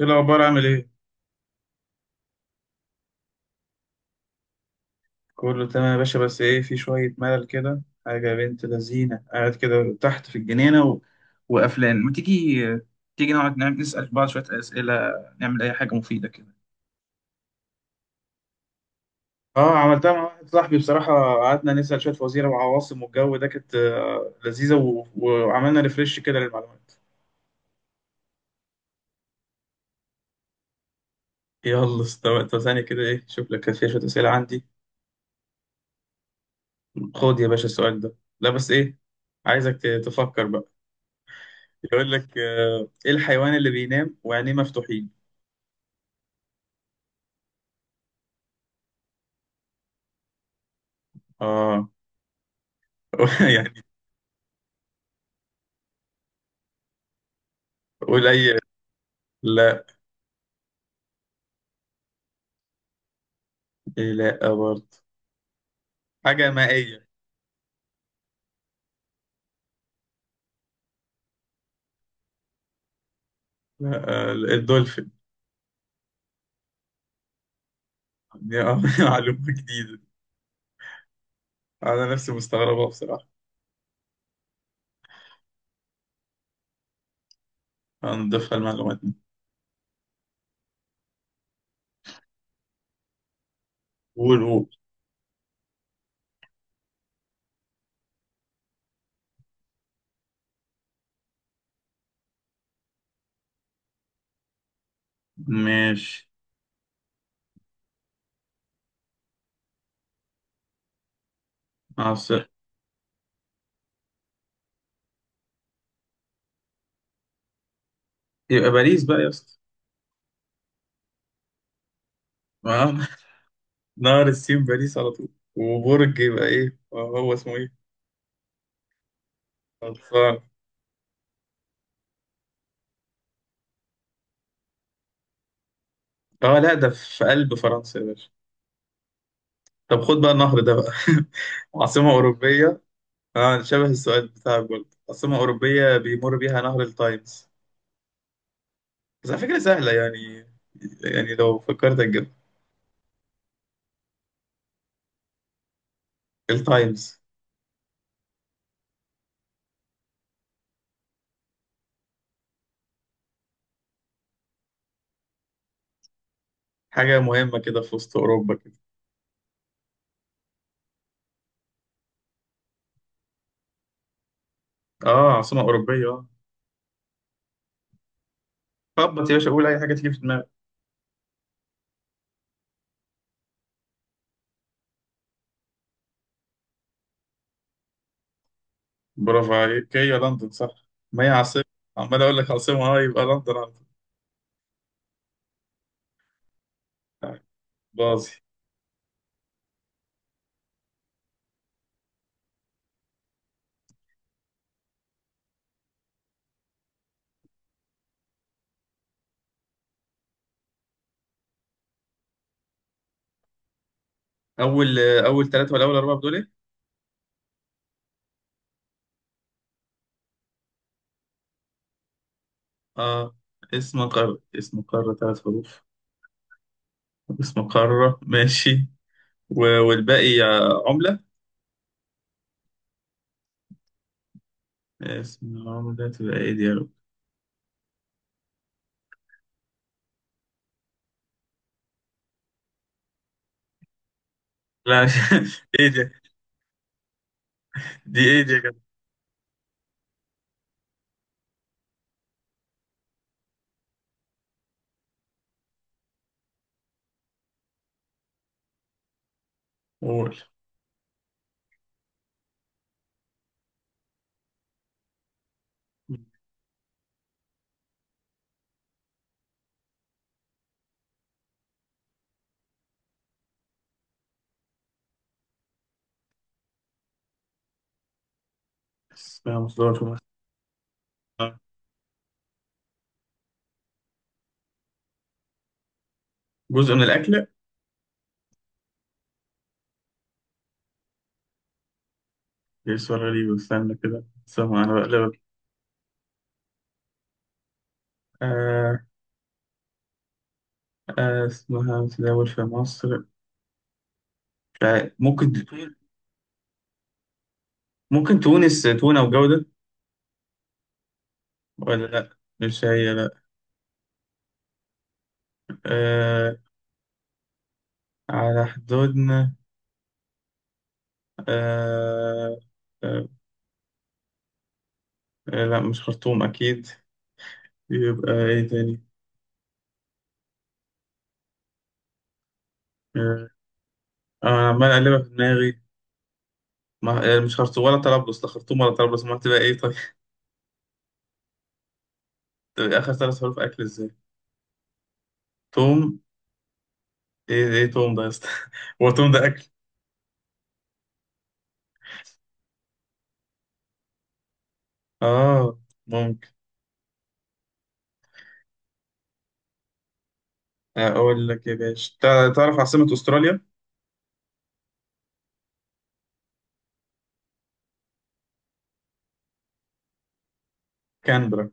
ايه الاخبار؟ عامل ايه؟ كله تمام يا باشا، بس ايه في شويه ملل كده. حاجه يا بنت لذينه، قاعد كده تحت في الجنينه وقفلان، ما تيجي تيجي نقعد نعمل نسال بعض شويه اسئله، نعمل اي حاجه مفيده كده. اه عملتها مع واحد صاحبي بصراحه، قعدنا نسال شويه وزير وعواصم والجو ده، كانت لذيذه وعملنا ريفريش كده للمعلومات. يلا استوى. طب ثانيه كده، ايه، شوف لك كان فيها شويه اسئله عندي. خد يا باشا السؤال ده. لا بس ايه، عايزك تفكر بقى. يقول لك ايه الحيوان اللي بينام وعينيه مفتوحين؟ اه. يعني قليل. لا. إيه، لا برضه. حاجة مائية. لا، الدولفين. دي معلومة جديدة، أنا نفسي مستغربها بصراحة. هنضيفها المعلومات دي. قول قول. ماشي. عاصمة. يبقى باريس بقى يا اسطى. آه، نهر السين باريس على طول. وبرج يبقى ايه، هو اسمه ايه؟ خلصان. اه لا، ده في قلب فرنسا يا باشا. طب خد بقى النهر ده بقى. عاصمة أوروبية. اه، شبه السؤال بتاعك برضه، عاصمة أوروبية بيمر بيها نهر التايمز، بس على فكرة سهلة يعني، يعني لو فكرت أجيب. التايمز. حاجة مهمة كده في وسط أوروبا كده. اه عاصمة أوروبية اه. خبط يا باشا، قول أي حاجة تيجي في دماغك. برافو عليك، هي لندن صح، ما هي عاصمة. عمال أقول لك عاصمة، اه، يبقى لندن على طول. آه، باظي. أول، أول ثلاثة ولا أول أربعة بتقول إيه؟ اه، اسم قارة، اسم قارة ثلاث حروف، اسم قارة ماشي. والباقي عملة. اسم العمر ده تبقى ايه دي يا رب؟ لا، ايه دي؟ دي ايه دي يا جدع؟ قول. اسمها مصدر مثلا. آه. جزء من الأكلة. دي سؤال غريب، استنى كده استنى، أنا بقلبك. آه. آه، اسمها متداول في مصر. مش عارف. ممكن ممكن تونس، تونة وجودة. ولا لأ، مش هي لأ. آه. على حدودنا. آه. آه. آه، لأ مش خرطوم أكيد. يبقى إيه تاني؟ آه. أنا عمال أقلبها في دماغي، ما يعني مش خرطوم ولا طرابلس، لا خرطوم ولا طرابلس ما تبقى ايه طيب. تبقى اخر ثلاث حروف اكل ازاي؟ توم. ايه ايه توم ده يا اسطى؟ هو توم ده اكل؟ اه. ممكن. اقول لك يا باشا، تعرف عاصمة استراليا؟ كانبرا.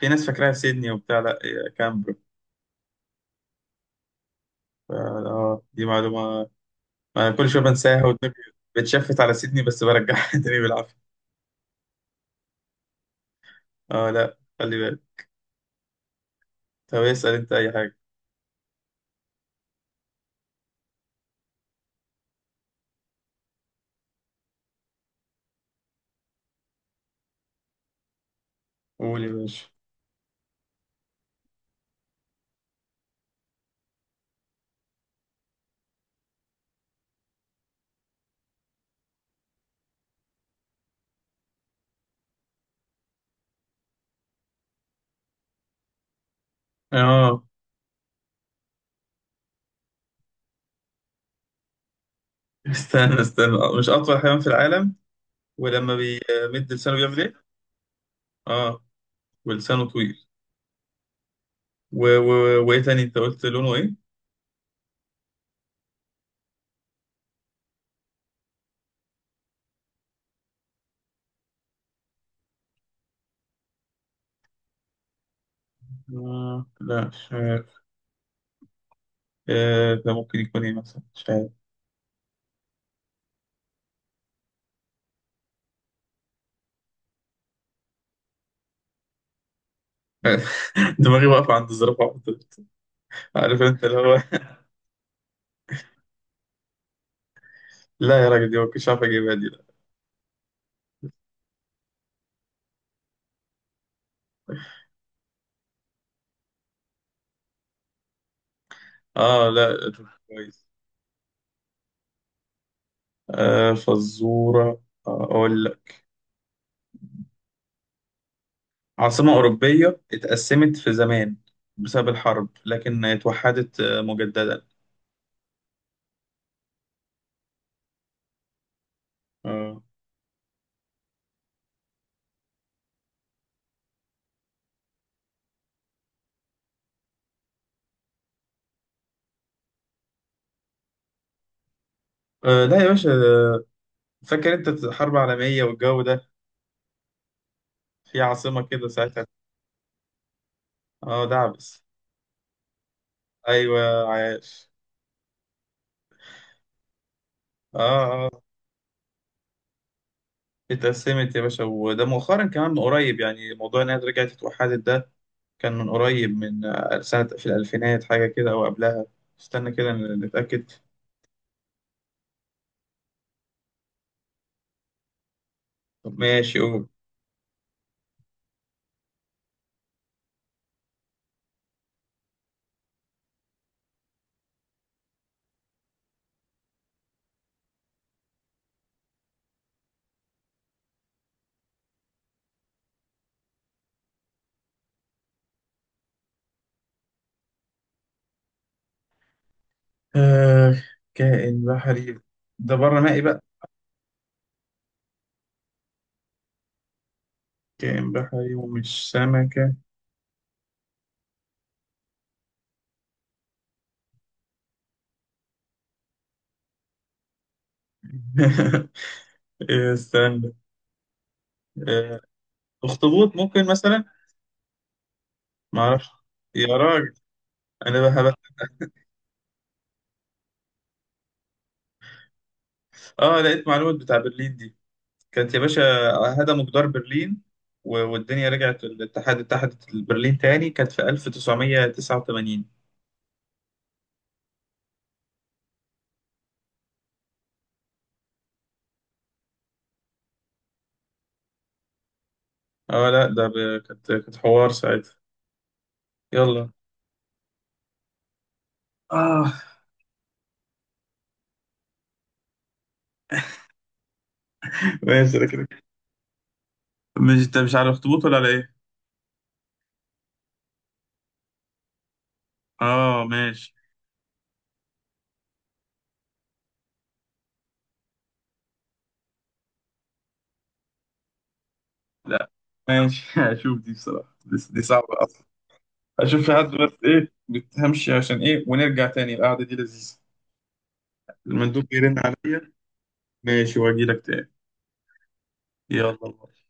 في ناس فاكراها سيدني وبتاع، لا هي كانبرا. اه دي معلومة، انا كل شوية بنساها ودماغي بتشفت على سيدني، بس برجعها تاني بالعافية. اه لا، خلي بالك. طب اسأل انت اي حاجة. قول يا باشا. اه، استنى استنى، مش اطول حيوان في العالم، ولما بيمد لسانه بيعمل ايه؟ اه، ولسانه طويل و... و... وايه تاني انت قلت لونه ايه؟ آه لا مش عارف. آه ده ممكن يكون ايه مثلا، مش عارف. دماغي واقفة عند الزرافة على طول. عارف انت اللي هو لا يا راجل، دي ما كنتش عارف اجيبها دي لا. اه لا. كويس. آه فزورة. آه اقول لك. عاصمة أوروبية اتقسمت في زمان بسبب الحرب، لكن اتوحدت مجددا. آه. آه لا يا باشا، فاكر انت الحرب العالمية والجو ده، في عاصمة كده ساعتها. اه ده عبس. ايوه عارف. اه اه، اتقسمت يا باشا، وده مؤخرا كمان من قريب يعني، موضوع انها رجعت اتوحدت ده كان من قريب، من سنة في الألفينات حاجة كده أو قبلها. استنى كده نتأكد. طب ماشي قول. آه كائن بحري. ده بره مائي بقى. كائن بحري ومش سمكة. إيه، استنى. آه، أخطبوط ممكن مثلا. معرفش. يا راجل، أنا بهبت. اه لقيت معلومة بتاع برلين دي، كانت يا باشا، هدموا جدار برلين والدنيا رجعت الاتحاد، اتحدت برلين تاني كانت في 1989. اه لا ده كانت حوار ساعتها. يلا. اه ماشي ده كده. مش انت مش على الاخطبوط ولا على ايه؟ اه ماشي. لا ماشي هشوف دي بصراحة، دي صعبة اصلا. اشوف في حد، بس ايه بتهمشي عشان ايه، ونرجع تاني القعدة دي لذيذة. المندوب بيرن عليا. ماشي، واجي لك تاني. يلا.